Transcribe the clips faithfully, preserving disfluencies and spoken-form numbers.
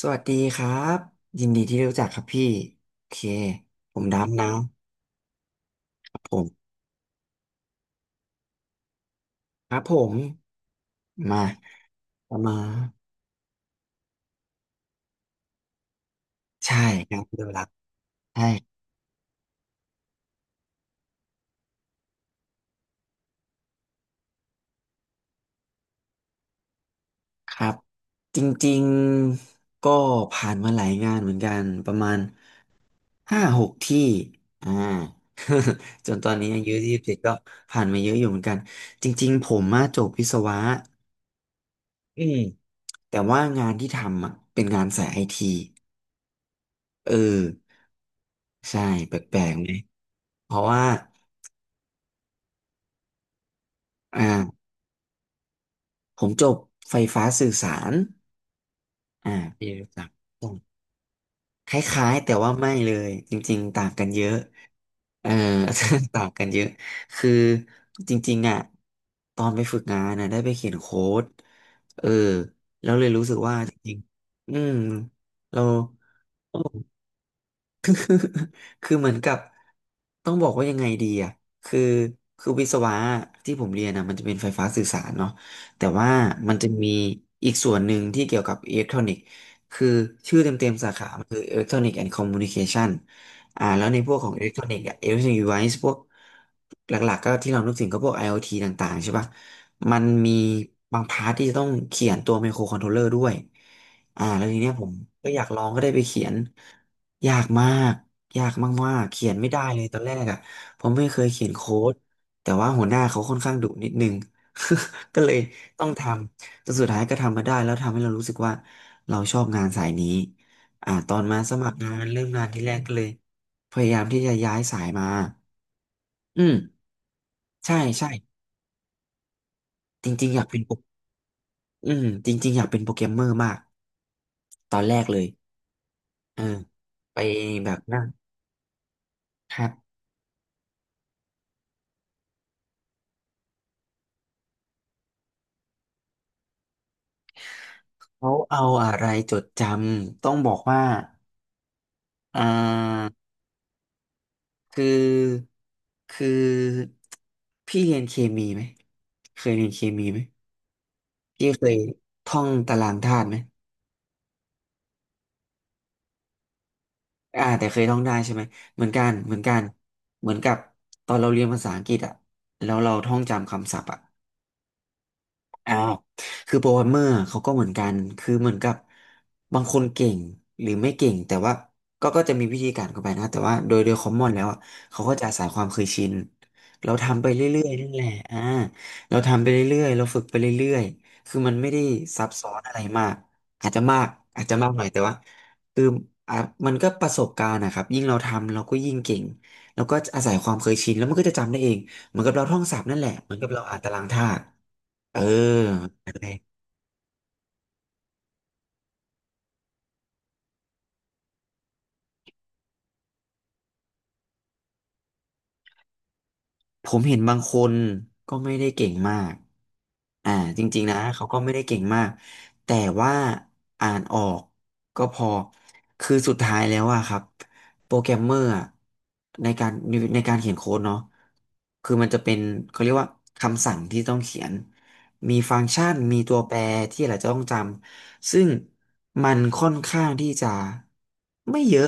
สวัสดีครับยินดีที่รู้จักครับพี่โอเคผมดำนะครับผมครับผมมาปรามาณใช่งานเดียวรักใช่ครับจริงๆก็ผ่านมาหลายงานเหมือนกันประมาณห้าหกที่อ่า จนตอนนี้อายุยี่สิบเจ็ดก็ผ่านมาเยอะอยู่เหมือนกันจริงๆผมมาจบวิศวะอืมแต่ว่างานที่ทำอ่ะเป็นงานสายไอทีเออใช่แปลกๆไหมเพราะว่า อ่าผมจบไฟฟ้าสื่อสารอ่าปีรู้จักตองคล้ายๆแต่ว่าไม่เลยจริงๆต่างกันเยอะเออ ต่างกันเยอะคือจริงๆอ่ะตอนไปฝึกงานนะได้ไปเขียนโค้ดเออแล้วเลยรู้สึกว่าจริงๆอืมเรา คือเหมือนกับต้องบอกว่ายังไงดีอ่ะคือคือวิศวะที่ผมเรียนอ่ะมันจะเป็นไฟฟ้าสื่อสารเนาะแต่ว่ามันจะมีอีกส่วนหนึ่งที่เกี่ยวกับอิเล็กทรอนิกส์คือชื่อเต็มๆสาขามันคืออิเล็กทรอนิกส์แอนด์คอมมูนิเคชันอ่าแล้วในพวกของอิเล็กทรอนิกส์อ่ะอิเล็กทรอนิกส์ดีไวซ์พวกหลักๆก็ที่เรานึกถึงก็พวก ไอ โอ ที ต่างๆใช่ป่ะมันมีบางพาร์ทที่จะต้องเขียนตัวไมโครคอนโทรลเลอร์ด้วยอ่าแล้วทีเนี้ยผมก็อยากลองก็ได้ไปเขียน ยากมากยากมากๆเขียนไม่ได้เลยตอนแรกอ่ะผมไม่เคยเขียนโค้ดแต่ว่าหัวหน้าเขาค่อนข้างดุนิดนึง ก็เลยต้องทำจนสุดท้ายก็ทำมาได้แล้วทำให้เรารู้สึกว่าเราชอบงานสายนี้อ่าตอนมาสมัครงานเริ่มงานที่แรกก็เลยพยายามที่จะย้ายสายมาอืมใช่ใช่จริงๆอยากเป็นโปรอืมจริงๆอยากเป็นโปรแกรมเมอร์มากตอนแรกเลยเออไปแบบนั่งครับเขาเอาอะไรจดจำต้องบอกว่า อ่าคือคือพี่เรียนเคมีไหมเคยเรียนเคมีไหมพี่เคยท่องตารางธาตุไหมอ่าแต่เคยท่องได้ใช่ไหมเหมือนกันเหมือนกันเหมือนกับตอนเราเรียนภาษาอังกฤษอะแล้วเราท่องจำคำศัพท์อะ อ้าวคือโปรแกรมเมอร์เขาก็เหมือนกัน คือเหมือนกับบางคนเก่งหรือไม่เก่งแต่ว่าก็ก็จะมีวิธีการเข้าไปนะแต่ว่าโดยโดยคอมมอนแล้วอะเขาก็จะอาศัยความเคยชินเราทำไปเรื่อยๆนั่นแหละอ่าเราทำไปเรื่อยๆเราฝึกไปเรื่อยๆคือมันไม่ได้ซับซ้อนอะไรมากอาจจะมากอาจจะมากหน่อยแต่ว่าคืออ่ะมันก็ประสบการณ์นะครับยิ่งเราทำเราก็ยิ่งเก่งแล้วก็อาศัยความเคยชินแล้วมันก็จะจำได้เองเหมือนกับเราท่องศัพท์นั่นแหละเหมือนกับเราอ่านตารางธาตุ เอออะไร เออ ผมเห็นบางคนก็ไม่ได้เก่งมากอ่าจริงๆนะเขาก็ไม่ได้เก่งมาก แต่ว่าอ่านออกก็พอ คือสุดท้ายแล้วอะครับโปรแกรมเมอร์อะในการในการเขียนโค้ดเนาะคือมันจะเป็นเขาเรียกว่าคำสั่งที่ต้องเขียน มีฟังก์ชันมีตัวแปรที่เราจะต้องจำ ซึ่งมันค่อนข้างที่จะไม่เยอะ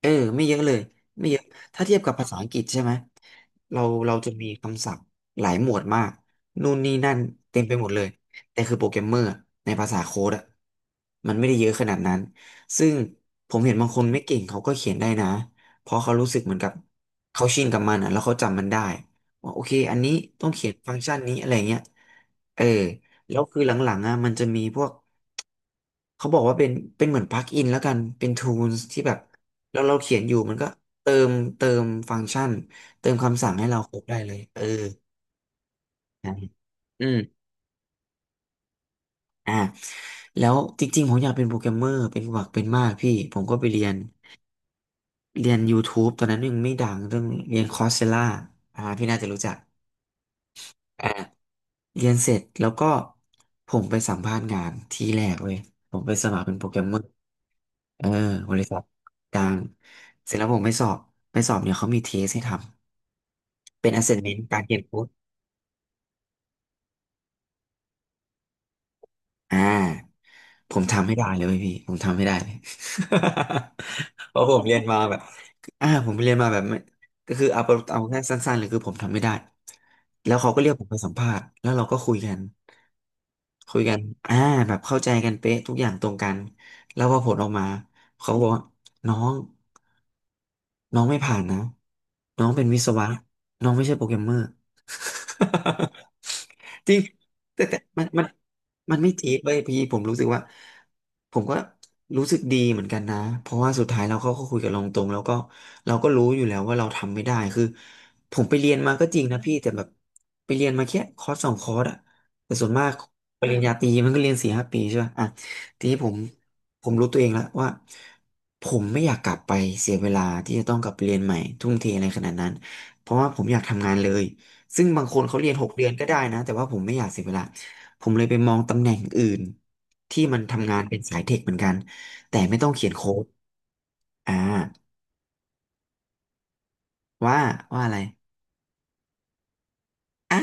เออไม่เยอะเลยไม่เยอะถ้าเทียบกับภาษาอังกฤษใช่ไหม เราเราจะมีคำศัพท์หลายหมวดมากนู่นนี่นั่นเต็มไปหมดเลยแต่คือโปรแกรมเมอร์ในภาษาโค้ดอะมันไม่ได้เยอะขนาดนั้นซึ่งผมเห็นบางคนไม่เก่งเขาก็เขียนได้นะเพราะเขารู้สึกเหมือนกับเขาชินกับมันอะแล้วเขาจำมันได้ว่าโอเคอันนี้ต้องเขียนฟังก์ชันนี้อะไรเงี้ยเออแล้วคือหลังๆอ่ะมันจะมีพวก เขาบอกว่าเป็นเป็นเหมือนปลั๊กอินแล้วกันเป็น ทูลส์ ที่แบบแล้วเราเขียนอยู่มันก็เติมเติมฟังก์ชันเติมคำสั่งให้เราครบได้เลยเออนะอืมอ่าแล้วจริงๆผมอยากเป็นโปรแกรมเมอร์เป็นหวักเป็นมากพี่ผมก็ไปเรียนเรียน ยูทูบ ตอนนั้นยังไม่ดังเรื่องเรียนคอร์สเซล่าอ่าพี่น่าจะรู้จัก เรียนเสร็จแล้วก็ผมไปสัมภาษณ์งานที่แรกเว้ยผมไปสมัครเป็นโปรแกรมเมอร์เออบริษัทกลางเสร็จแล้วผมไม่สอบไม่สอบเนี่ยเขามีเทสให้ทำเป็น แอสเซสเมนต์ การเขียนโค้ด อ่าผมทำให้ได้เลยไหมพี่ผมทำให้ได้เลย เพราะผมเรียนมาแบบอ่าผมเรียนมาแบบไม่ก็คือเอาเอาแค่สั้นๆเลยคือผมทำไม่ได้แล้วเขาก็เรียกผมไปสัมภาษณ์แล้วเราก็คุยกันคุยกันอ่าแบบเข้าใจกันเป๊ะทุกอย่างตรงกันแล้วพอผลออกมาเขาก็บอกว่าน้องน้องไม่ผ่านนะน้องเป็นวิศวะน้องไม่ใช่โปรแกรมเมอร์ จริงแต่แต่มันมัน มันไม่จี๊ดเว้ยพี่ผมรู้สึกว่าผมก็รู้สึกดีเหมือนกันนะเพราะว่าสุดท้ายเราก็ก็คุยกับเราตรงแล้วก็เราก็รู้อยู่แล้วว่าเราทำไม่ได้คือผมไปเรียนมาก็จริงนะพี่แต่แบบไปเรียนมาแค่คอร์สสองคอร์สอะแต่ส่วนมากปริญญาตรีมันก็เรียนสี่ห้าปีใช่ป่ะอ่ะทีนี้ผมผมรู้ตัวเองแล้วว่าผมไม่อยากกลับไปเสียเวลาที่จะต้องกลับไปเรียนใหม่ทุ่มเทอะไรขนาดนั้นเพราะว่าผมอยากทำงานเลยซึ่งบางคนเขาเรียนหกเดือนก็ได้นะแต่ว่าผมไม่อยากเสียเวลา ผมเลยไปมองตำแหน่งอื่นที่มันทำงานเป็นสายเทคเหมือนกันแต่ไม่ต้องเขียนโค้ดอ่าว่าว่าอะไรอ่า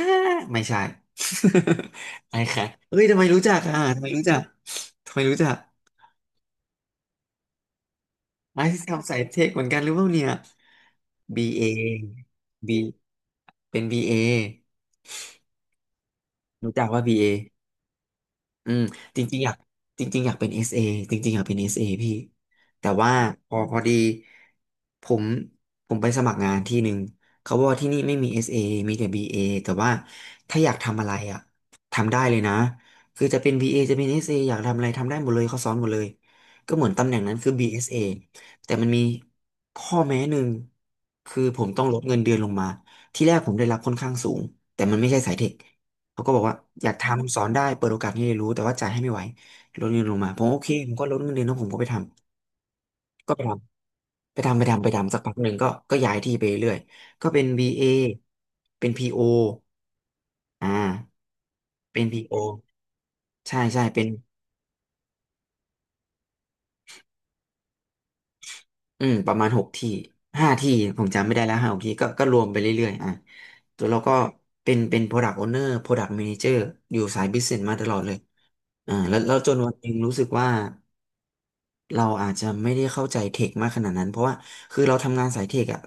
ไม่ใช่ อะไรค่ะเฮ้ยทำไมรู้จักอ่ะทำไมรู้จักทำไมรู้จักไอ้ททำสายเทคเหมือนกันหรือเปล่าเนี่ย บี เอ B เป็น บี เอ รู้จักว่า BA อืมจริงๆอยากจริงๆอยากเป็น เอส เอ จริงๆอยากเป็นเอสเอพี่แต่ว่าพอพอดีผมผมไปสมัครงานที่หนึ่งเขาบอกว่าที่นี่ไม่มี เอส เอ มีแต่บีเ a แต่ว่าถ้าอยากทำอะไรอ่ะทำได้เลยนะคือจะเป็น บี เอ จะเป็น เอส เอ อสเออยากทำอะไรทำได้หมดเลยเขาสอนหมดเลยก็เหมือนตำแหน่งนั้นคือ บี เอส เอ แต่มันมีข้อแม้หนึ่งคือผมต้องลดเงินเดือนลงมาที่แรกผมได้รับค่อนข้างสูงแต่มันไม่ใช่สายเทค เขาก็บอกว่าอยากทำสอนได้เปิดโอกาสให้เรียนรู้แต่ว่าจ่ายให้ไม่ไหวลดเงินลงมาผมโอเคผมก็ลดเงินเดือนแล้วผมก็ไปทำก็ไปทำไปทำไปทำไปทำสักพักหนึ่งก็ก็ย้ายที่ไปเรื่อยก็เป็น บี เอ เอเป็น พี โอ ออ่าเป็นพีโอใช่ใช่เป็นอืมประมาณหกที่ห้าที่ผมจำไม่ได้แล้วห้าหกที่ก็ก็รวมไปเรื่อยๆอ่ะตัวเราก็เป็นเป็น Product Owner Product Manager อยู่สาย Business มาตลอดเลยอ่าแล้วแล้วจนวันหนึ่งรู้สึกว่า เราอาจจะไม่ได้เข้าใจเทคมากขนาดนั้นเพราะว่าคือเราทำงานสายเทคอะ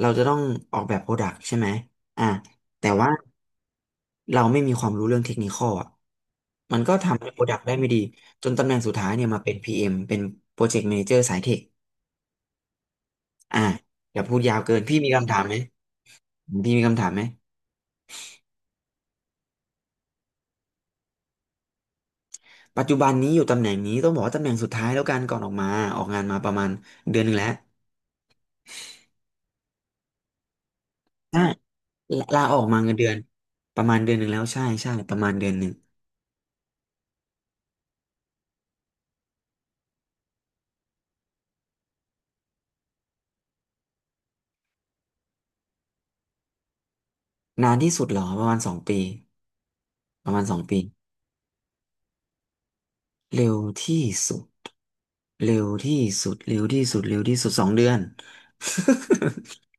เราจะต้องออกแบบโปรดักต์ใช่ไหมอ่ะแต่ว่าเราไม่มีความรู้เรื่องเทคนิคอลอะมันก็ทำให้โปรดักต์ได้ไม่ดีจนตำแหน่งสุดท้ายเนี่ยมาเป็น พี เอ็ม เอ็มเป็น Project Manager สายเทคอ่ะอย่าพูดยาวเกินพี่มีคำถามไหมพี่มีคำถามไหมปัจจุบันนี้อยู่ตำแหน่งนี้ต้องบอกว่าตำแหน่งสุดท้ายแล้วกันก่อนออกมาออกงานมาประมาณเดือนหนึ่งแล้วใช่ลาออกมาเงินเดือนประมาณเดือนหนึ่งแล้วใช่ใช่ประมาณเดือนหนึ่ง นานที่สุดเหรอประมาณสองปีประมาณสองปีเร็วที่สุดเร็วที่สุดเร็วที่สุดเร็วที่สุดสองเดือน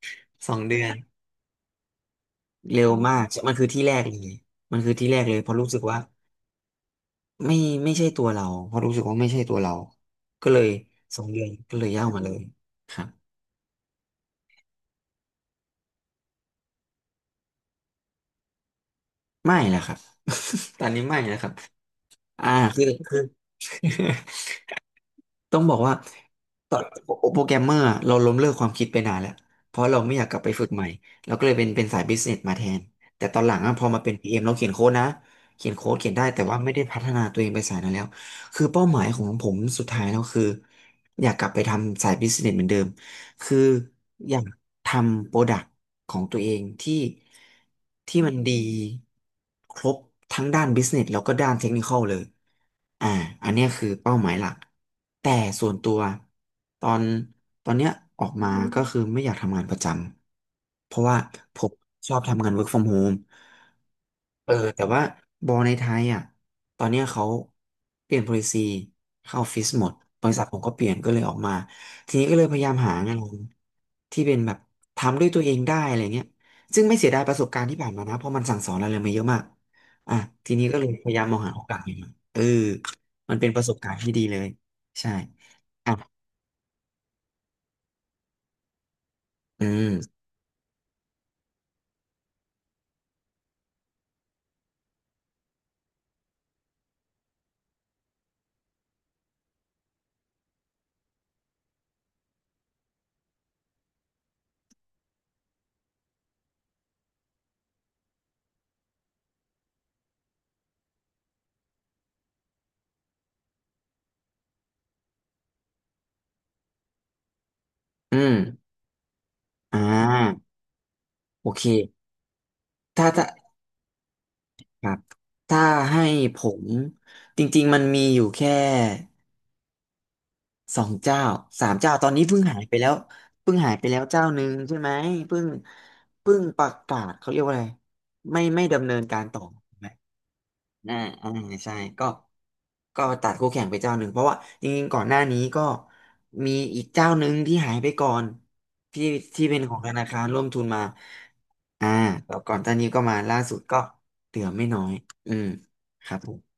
สองเดือนเร็วมากมันคือที่แรกเลยมันคือที่แรกเลยเพราะรู้สึกว่าไม่ไม่ใช่ตัวเราเพราะรู้สึกว่าไม่ใช่ตัวเราก็เลยสองเดือนก็เลยย่างมาเลยครับไม่แหละครับ ตอนนี้ไม่นะครับอ่าคือคือ ต้องบอกว่าตอนโปรแกรมเมอร์อะเราล้มเลิกความคิดไปนานแล้วเพราะเราไม่อยากกลับไปฝึกใหม่เราก็เลยเป็นเป็นสายบิสเนสมาแทนแต่ตอนหลังอะพอมาเป็น พี เอ็ม เอ็มเราเขียนโค้ดนะเขียนโค้ดเขียนได้แต่ว่าไม่ได้พัฒนาตัวเองไปสายนั้นแล้วคือเป้าหมายของผมสุดท้ายแล้วคืออยากกลับไปทำสายบิสเนสเหมือนเดิม คืออยากทำโปรดักต์ของตัวเองที่ที่มันดีครบทั้งด้านบิสเนสแล้วก็ด้านเทคนิคอลเลยอ่าอันเนี้ยคือเป้าหมายหลักแต่ส่วนตัวตอนตอนเนี้ยออกมาก็คือไม่อยากทำงานประจำเพราะว่าผมชอบทำงาน work from home เออแต่ว่าบอลในไทยอ่ะตอนเนี้ยเขาเปลี่ยน policy เข้าออฟฟิศหมดบริษัทผมก็เปลี่ยนก็เลยออกมาทีนี้ก็เลยพยายามหางานที่เป็นแบบทำด้วยตัวเองได้อะไรเงี้ยซึ่งไม่เสียดายประสบการณ์ที่ผ่านมานะเพราะมันสั่งสอนอะไรมาเยอะมากอ่ะทีนี้ก็เลยพยายามมองหาโอกาสใหม่ๆเออมันเป็นประสบการณ์ที่ดีเลยใช่อ่ะอืมอืมอ่าโอเคถ้าถ้า ครับถ้าให้ผมจริงๆมันมีอยู่แค่สองเจ้าสามเจ้าตอนนี้เพิ่งหายไปแล้วเพิ่งหายไปแล้วเจ้าหนึ่งใช่ไหมเพิ่งเพิ่งประกาศเขาเรียกว่าอะไรไม่ไม่ดำเนินการต่ออ่าอ่าใช่ก็ก็ตัดคู่แข่งไปเจ้าหนึ่งเพราะว่าจริงๆก่อนหน้านี้ก็มีอีกเจ้าหนึ่งที่หายไปก่อนที่ที่เป็นของธนาคารร่วมทุนมาอ่าแล้วก่อนตอนนี้ก็มาล่าสุดก็เหลือไม่น้อยอืมครับผม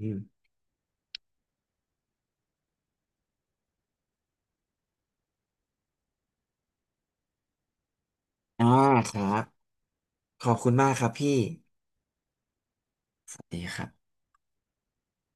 อืม อ่าครับขอบคุณมากครับพี่ สวัสดีครับ